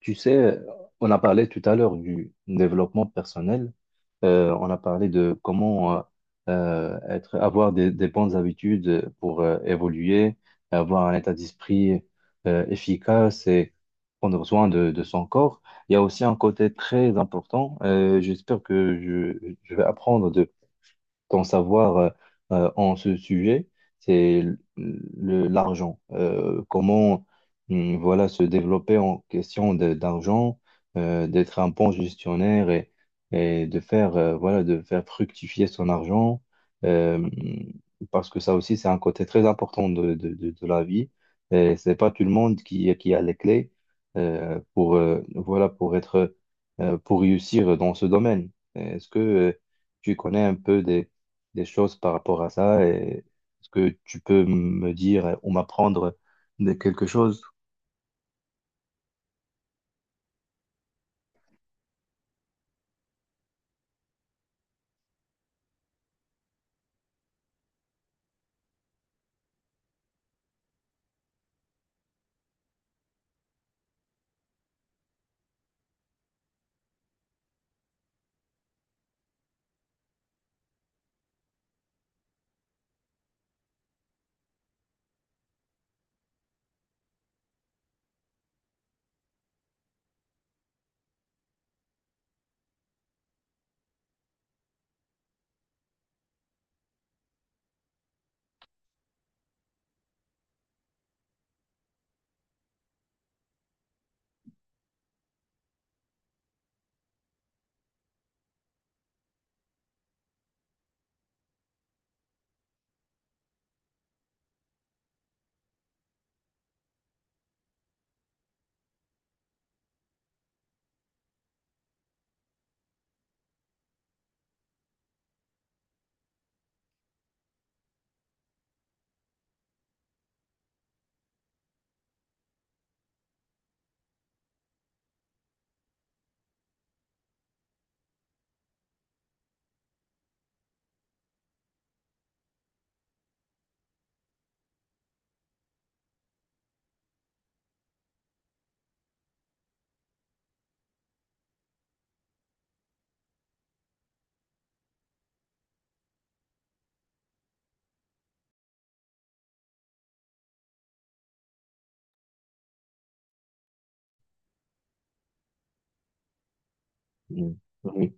Tu sais, on a parlé tout à l'heure du développement personnel. On a parlé de comment être, avoir des bonnes habitudes pour évoluer, avoir un état d'esprit efficace et prendre soin de son corps. Il y a aussi un côté très important. J'espère que je vais apprendre de ton savoir en ce sujet. C'est l'argent. Comment voilà, se développer en question d'argent, d'être un bon gestionnaire et de faire, voilà, de faire fructifier son argent, euh, parce que ça aussi, c'est un côté très important de la vie. Et c'est pas tout le monde qui a les clés, pour, voilà, pour être, pour réussir dans ce domaine. Est-ce que, tu connais un peu des choses par rapport à ça et est-ce que tu peux me dire ou m'apprendre de quelque chose? Mm. Oui,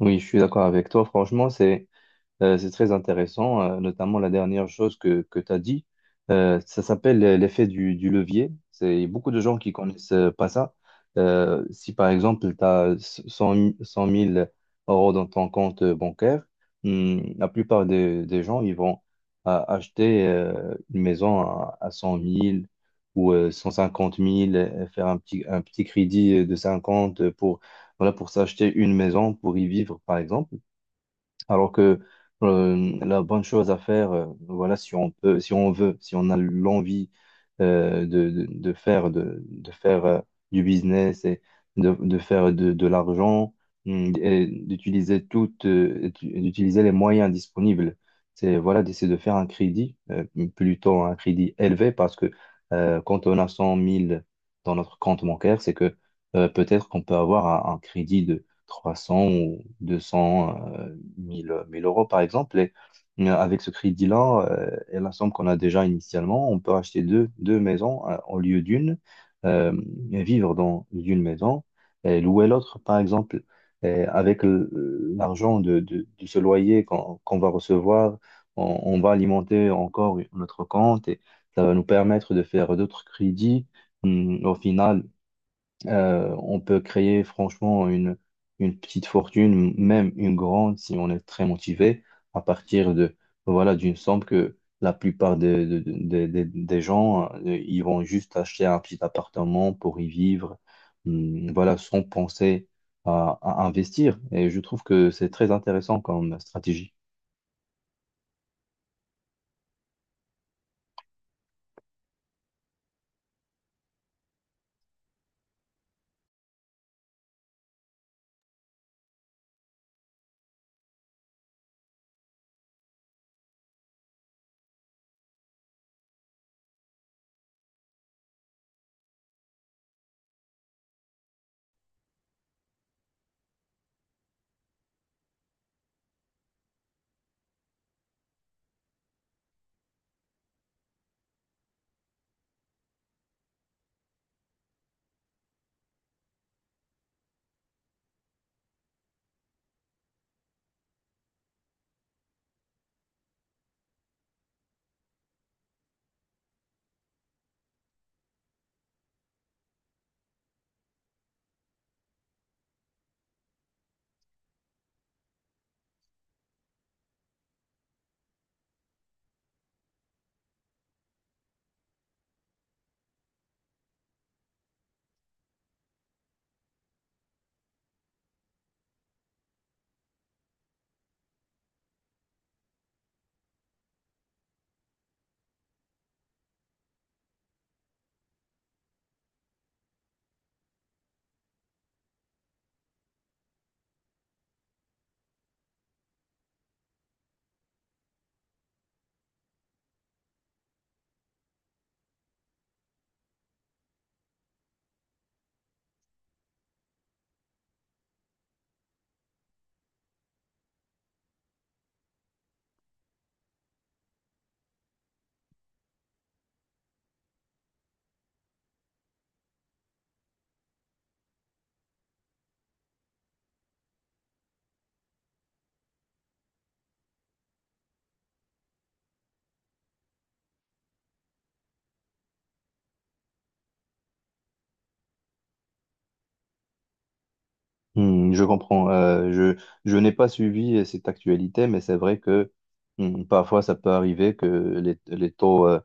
oui, je suis d'accord avec toi. Franchement, c'est très intéressant, notamment la dernière chose que tu as dit. Ça s'appelle l'effet du levier. C'est beaucoup de gens qui connaissent pas ça. Si par exemple, tu as 100 000 euros dans ton compte bancaire. La plupart des gens, ils vont acheter une maison à 100 000 ou 150 000, faire un petit crédit de 50 pour, voilà, pour s'acheter une maison, pour y vivre, par exemple. Alors que la bonne chose à faire, voilà, si on peut, si on veut, si on a l'envie de faire du business et de faire de l'argent. Et d'utiliser toutes, et d'utiliser les moyens disponibles. C'est voilà, d'essayer de faire un crédit, plutôt un crédit élevé, parce que quand on a 100 000 dans notre compte bancaire, c'est que peut-être qu'on peut avoir un crédit 300 ou 200 1 000, 1 000 euros, par exemple. Et avec ce crédit-là, et la somme qu'on a déjà initialement, on peut acheter deux maisons au lieu d'une, euh, et vivre dans une maison et louer l'autre, par exemple. Et avec l'argent de ce loyer qu'on va recevoir, on va alimenter encore notre compte et ça va nous permettre de faire d'autres crédits. Au final, on peut créer franchement une petite fortune, même une grande, si on est très motivé, à partir de voilà d'une somme que la plupart des gens, ils vont juste acheter un petit appartement pour y vivre. Voilà, sans penser à investir. Et je trouve que c'est très intéressant comme stratégie. Je comprends. Je n'ai pas suivi cette actualité, mais c'est vrai que parfois ça peut arriver que les, les taux, euh,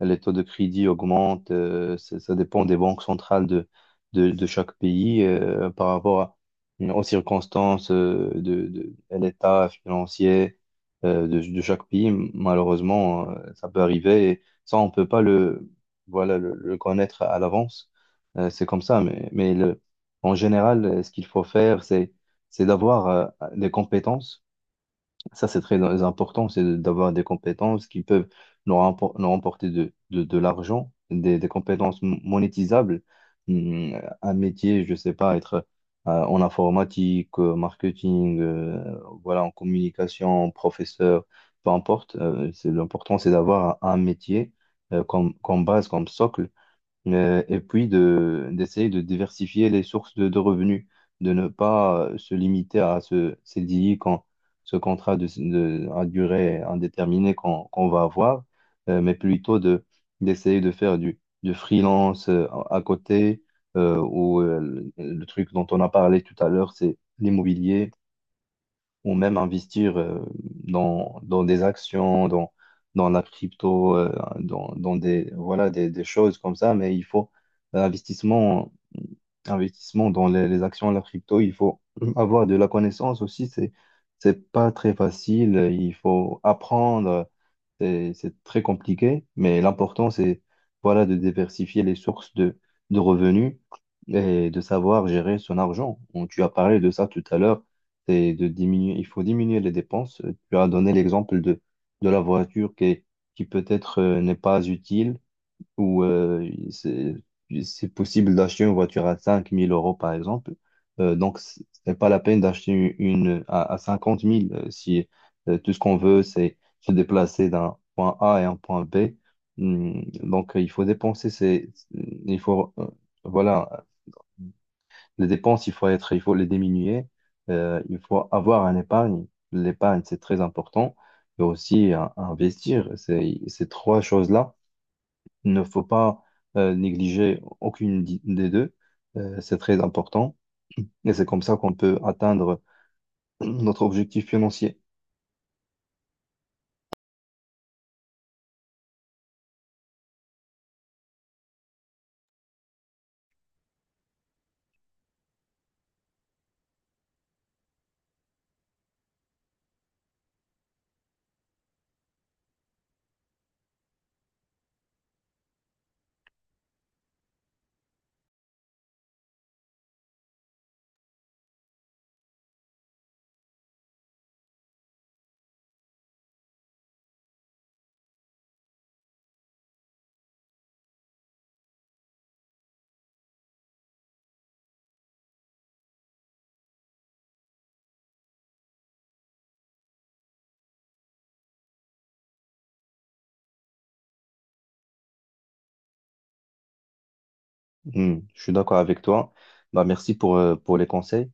les taux de crédit augmentent. Ça dépend des banques centrales de chaque pays par rapport aux circonstances à l'état financier de chaque pays. Malheureusement, ça peut arriver et ça, on peut pas voilà, le connaître à l'avance. C'est comme ça, mais le en général, ce qu'il faut faire, c'est d'avoir des compétences. Ça, c'est très important, c'est d'avoir des compétences qui peuvent nous remporter de l'argent, des compétences monétisables. Hmm, Un métier, je sais pas, être en informatique, marketing, voilà, en communication, professeur, peu importe. C'est, l'important, c'est d'avoir un métier comme base, comme socle et puis d'essayer de diversifier les sources de revenus, de ne pas se limiter à ce CDI, quand, ce contrat à durée indéterminée qu'on va avoir, mais plutôt d'essayer de faire du freelance à côté, ou le truc dont on a parlé tout à l'heure, c'est l'immobilier ou même investir dans des actions, dans la crypto, dans des choses comme ça. Mais il faut investissement, investissement dans les actions, la crypto, il faut avoir de la connaissance aussi. C'est pas très facile. Il faut apprendre. C'est très compliqué, mais l'important, c'est voilà, de diversifier les sources de revenus et de savoir gérer son argent. Bon, tu as parlé de ça tout à l'heure, c'est de diminuer, il faut diminuer les dépenses. Tu as donné l'exemple de la voiture qui peut-être n'est pas utile où c'est possible d'acheter une voiture à 5 000 euros, par exemple. Donc, ce n'est pas la peine d'acheter une à 50 000 si tout ce qu'on veut, c'est se déplacer d'un point A à un point B. Donc, il faut dépenser ces, il faut, voilà, les dépenses, il faut être, il faut les diminuer. Il faut avoir un épargne. L'épargne, c'est très important. Et aussi, investir. Ces trois choses-là il ne faut pas négliger aucune des deux. C'est très important. Et c'est comme ça qu'on peut atteindre notre objectif financier. Je suis d'accord avec toi. Bah, merci pour les conseils.